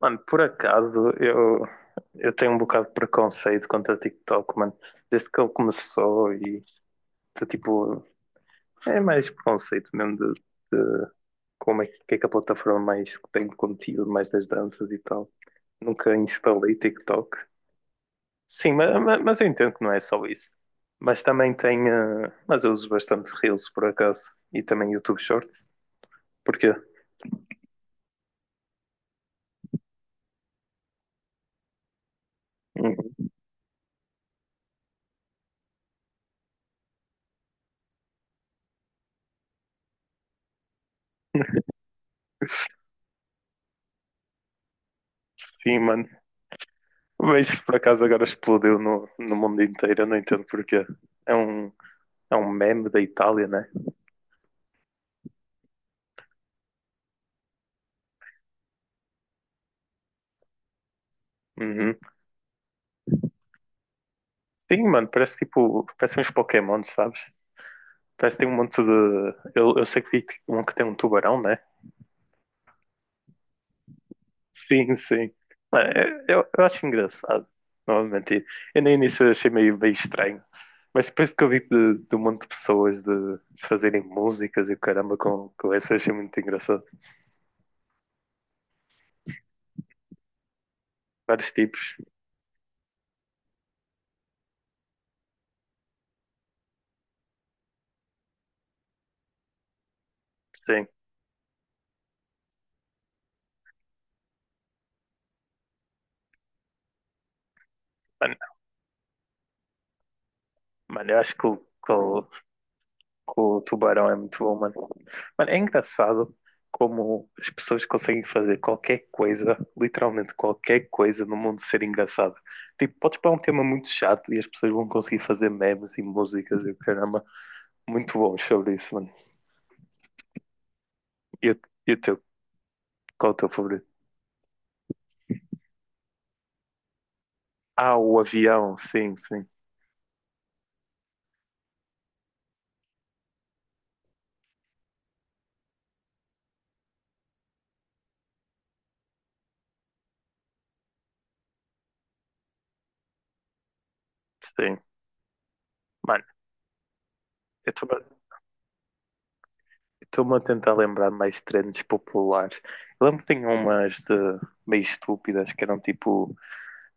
Mano, por acaso, eu tenho um bocado de preconceito contra o TikTok, mano. Desde que ele começou e, tá, tipo, é mais preconceito mesmo de como é que é que a plataforma mais que tem conteúdo, mais das danças e tal. Nunca instalei TikTok. Sim, mas eu entendo que não é só isso. Mas também tem, mas eu uso bastante Reels, por acaso, e também YouTube Shorts. Porquê? Hum. Sim, mano. Mas isso por acaso agora explodiu no mundo inteiro, eu não entendo porquê. É um, é um meme da Itália, né? Uhum. Sim, mano, parece tipo, parece uns Pokémons, sabes? Parece que tem um monte de. Eu sei que vi um que tem um tubarão, né? Sim, sim. Mano, eu acho engraçado, não vou mentir. Eu no início achei meio, meio estranho, mas depois que eu vi de um monte de pessoas de fazerem músicas e o caramba com isso, eu achei muito engraçado. Vários tipos, sim. Mano, mano, eu acho que o com o tubarão é muito bom, mano. Mano, é engraçado como as pessoas conseguem fazer qualquer coisa, literalmente qualquer coisa no mundo ser engraçada. Tipo, podes pôr um tema muito chato e as pessoas vão conseguir fazer memes e músicas e o caramba, muito bons sobre isso, mano. E o e o teu? Qual é o teu favorito? Ah, o avião, sim, sim, sim. Mano, eu estou-me a tentar lembrar de mais trends populares. Eu lembro que tinha umas de meio estúpidas que eram tipo.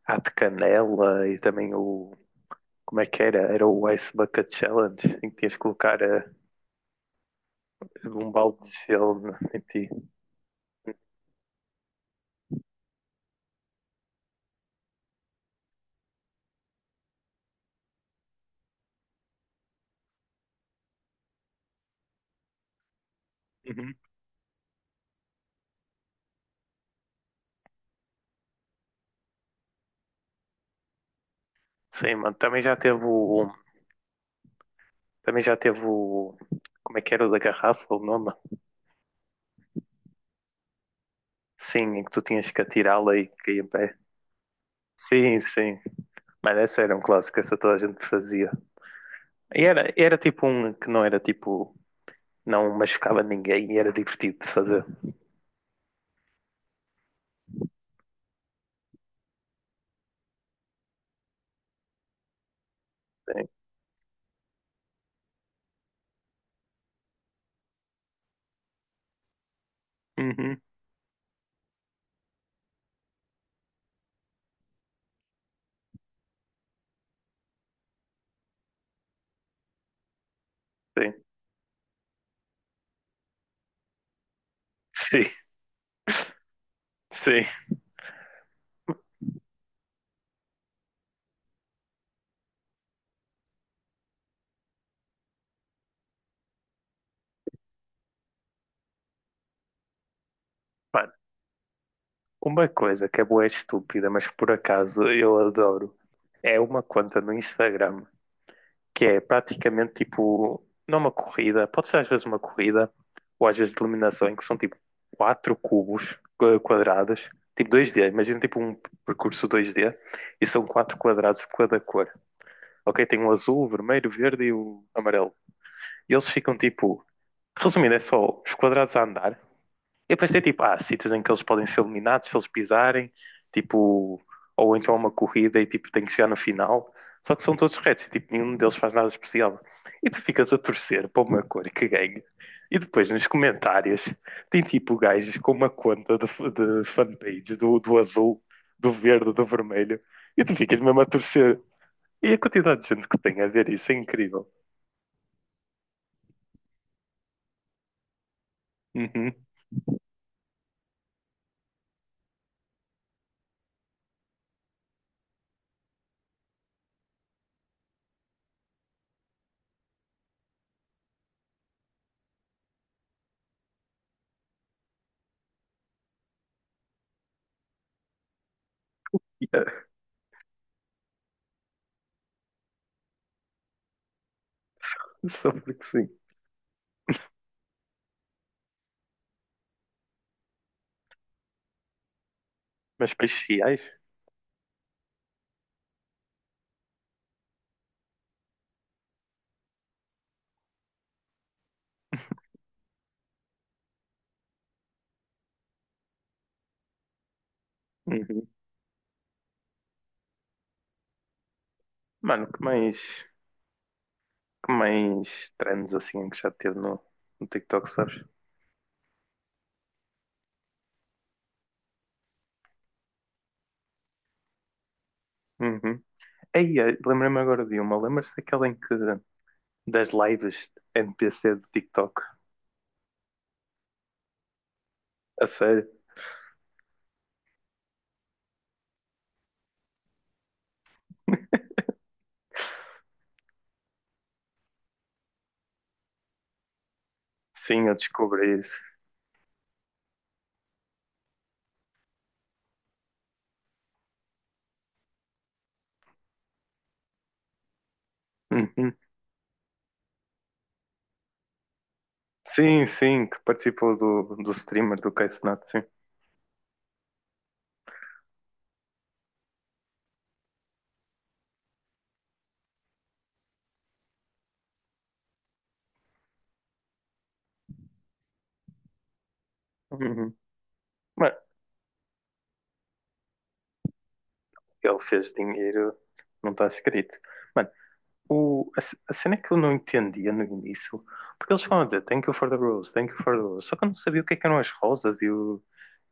Há de canela e também o. Como é que era? Era o Ice Bucket Challenge, em que tinhas que colocar um balde de gelo em ti. Uhum. Sim, mano. Também já teve o. Também já teve o. Como é que era o da garrafa, o nome? Sim, em que tu tinhas que atirá-la e caía em pé. Sim, sim. Mas essa era um clássico, essa toda a gente fazia. E era, era tipo um que não era tipo. Não machucava ninguém e era divertido de fazer. Sim. Uhum, sim. Sim, sim. Mano, uma coisa que é boa e estúpida, mas que por acaso eu adoro, é uma conta no Instagram que é praticamente tipo, não uma corrida, pode ser às vezes uma corrida, ou às vezes de eliminação, em que são tipo quatro cubos, quadrados, tipo dois d, imagina tipo um percurso dois d e são quatro quadrados de cada cor. Ok? Tem o azul, o vermelho, o verde e o amarelo. E eles ficam tipo, resumindo, é só os quadrados a andar, eu pensei, tipo, há sítios em que eles podem ser eliminados se eles pisarem, tipo, ou então é uma corrida e, tipo, tem que chegar no final. Só que são todos retos, tipo, nenhum deles faz nada especial. E tu ficas a torcer para uma cor que ganhe. E depois, nos comentários, tem, tipo, gajos com uma conta de fanpage do azul, do verde, do vermelho. E tu ficas mesmo a torcer. E a quantidade de gente que tem a ver isso é incrível. Uhum. Yeah. Só porque sim. Mas para chiais? Uhum. Mano, que mais... Que mais trends assim que já teve no TikTok, sabes? Uhum. Aí, lembrei-me agora de uma. Lembras-te daquela em que das lives NPC do TikTok? A sério? Sim, eu descobri isso. Uhum. Sim, sim, que participou do streamer do Case Not, sim. Uhum. Mas ele fez dinheiro, não está escrito. O, a, c- a cena que eu não entendia no início, porque eles falam a dizer thank you for the rose, thank you for the rose, só que eu não sabia o que é que eram as rosas e, o,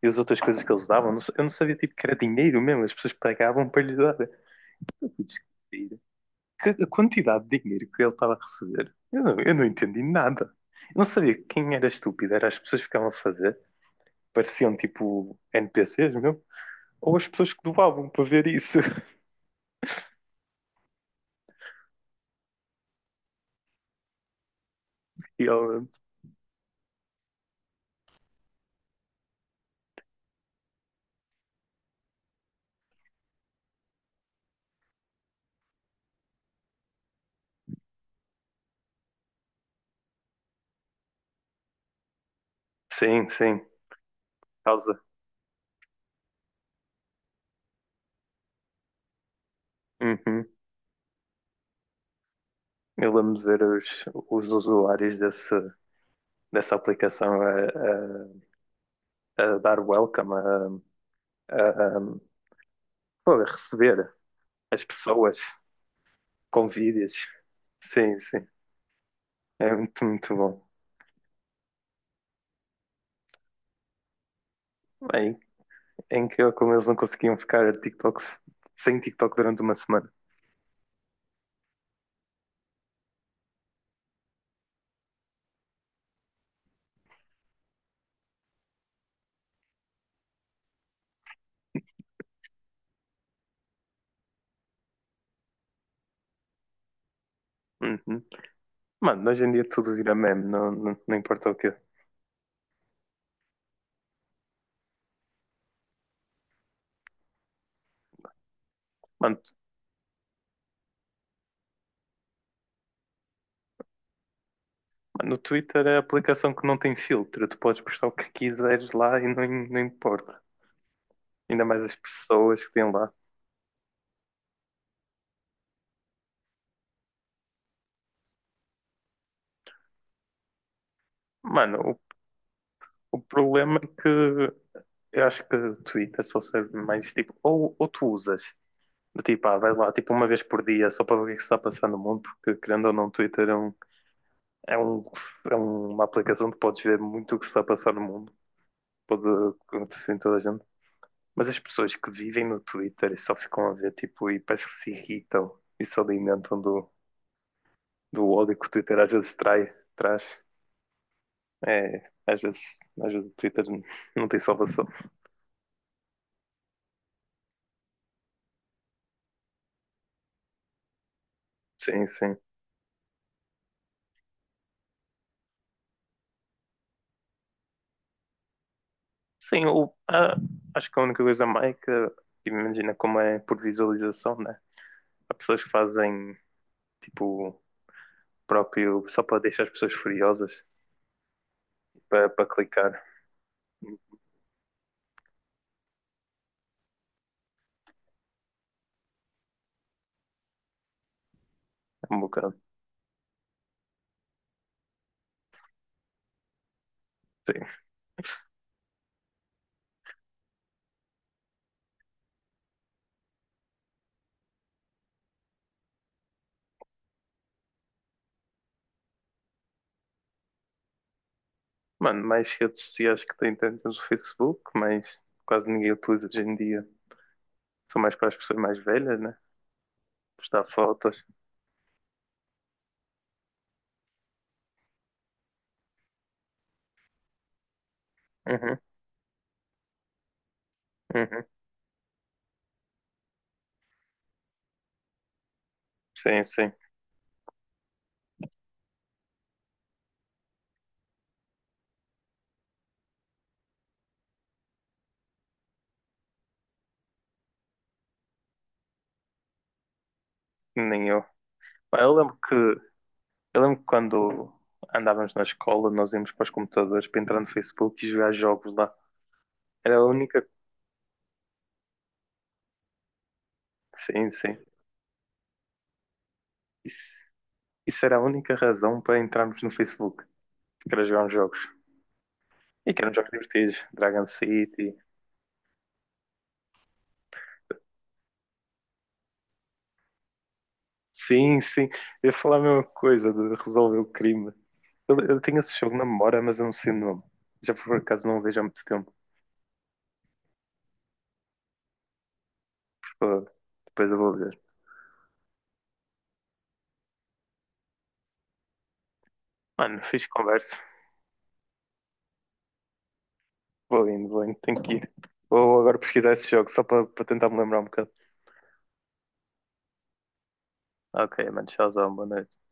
e as outras coisas que eles davam, eu não sa- eu não sabia tipo que era dinheiro mesmo, as pessoas pagavam para lhe dar. Eu fui descobrir que a quantidade de dinheiro que ele estava a receber, eu não entendi nada. Eu não sabia quem era estúpido, era as pessoas que ficavam a fazer, pareciam tipo NPCs mesmo, ou as pessoas que doavam para ver isso. Realmente. Sim, sim, causa. Uhum. Eu lembro de ver os usuários desse, dessa aplicação a dar welcome, a- pô, a receber as pessoas com vídeos. Sim, sim. É muito, muito bom. É, in- é incrível como eles não conseguiam ficar TikToks, sem TikTok durante uma semana. Uhum. Mano, hoje em dia tudo vira meme, não, não, não importa o quê. Mano, t- mano, no Twitter é a aplicação que não tem filtro. Tu podes postar o que quiseres lá e não importa. Ainda mais as pessoas que têm lá. Mano, o problema é que eu acho que o Twitter só serve mais tipo, ou tu usas, do tipo, ah, vai lá, tipo, uma vez por dia, só para ver o que é que se está a passar no mundo, porque querendo ou não, o Twitter é, um, é, um, é uma aplicação que podes ver muito o que se está a passar no mundo, pode acontecer em toda a gente. Mas as pessoas que vivem no Twitter e só ficam a ver, tipo, e parece que se irritam e se alimentam do ódio que o Twitter às vezes trai, traz. É, às vezes o Twitter não tem salvação. Sim, sim. Sim, o, ah, acho que a única coisa má é que, tipo, imagina como é por visualização, né? Há pessoas que fazem, tipo, próprio, só para deixar as pessoas furiosas, para clicar. É um bocado. Sim. Mano, mais redes sociais que tem tantas o Facebook, mas quase ninguém utiliza hoje em dia. São mais para as pessoas mais velhas, né? Postar fotos. Uhum, uhum. Sim, sim. Nem eu. Pá, eu lembro que quando andávamos na escola, nós íamos para os computadores para entrar no Facebook e jogar jogos lá. Era a única. Sim, sim. Isso, isso era a única razão para entrarmos no Facebook, que era jogar uns jogos. E que eram jogos divertidos. Dragon City. Sim, sim. Eu ia falar a mesma coisa de resolver o crime. Eu tenho esse jogo na memória, mas eu não sei o nome. Já por acaso não o vejo há muito tempo. Pô, depois eu vou ver. Mano, fiz conversa. Vou indo, tenho que ir. Vou agora pesquisar esse jogo só para tentar me lembrar um bocado. Ok, mano. Tchauzão. Boa noite.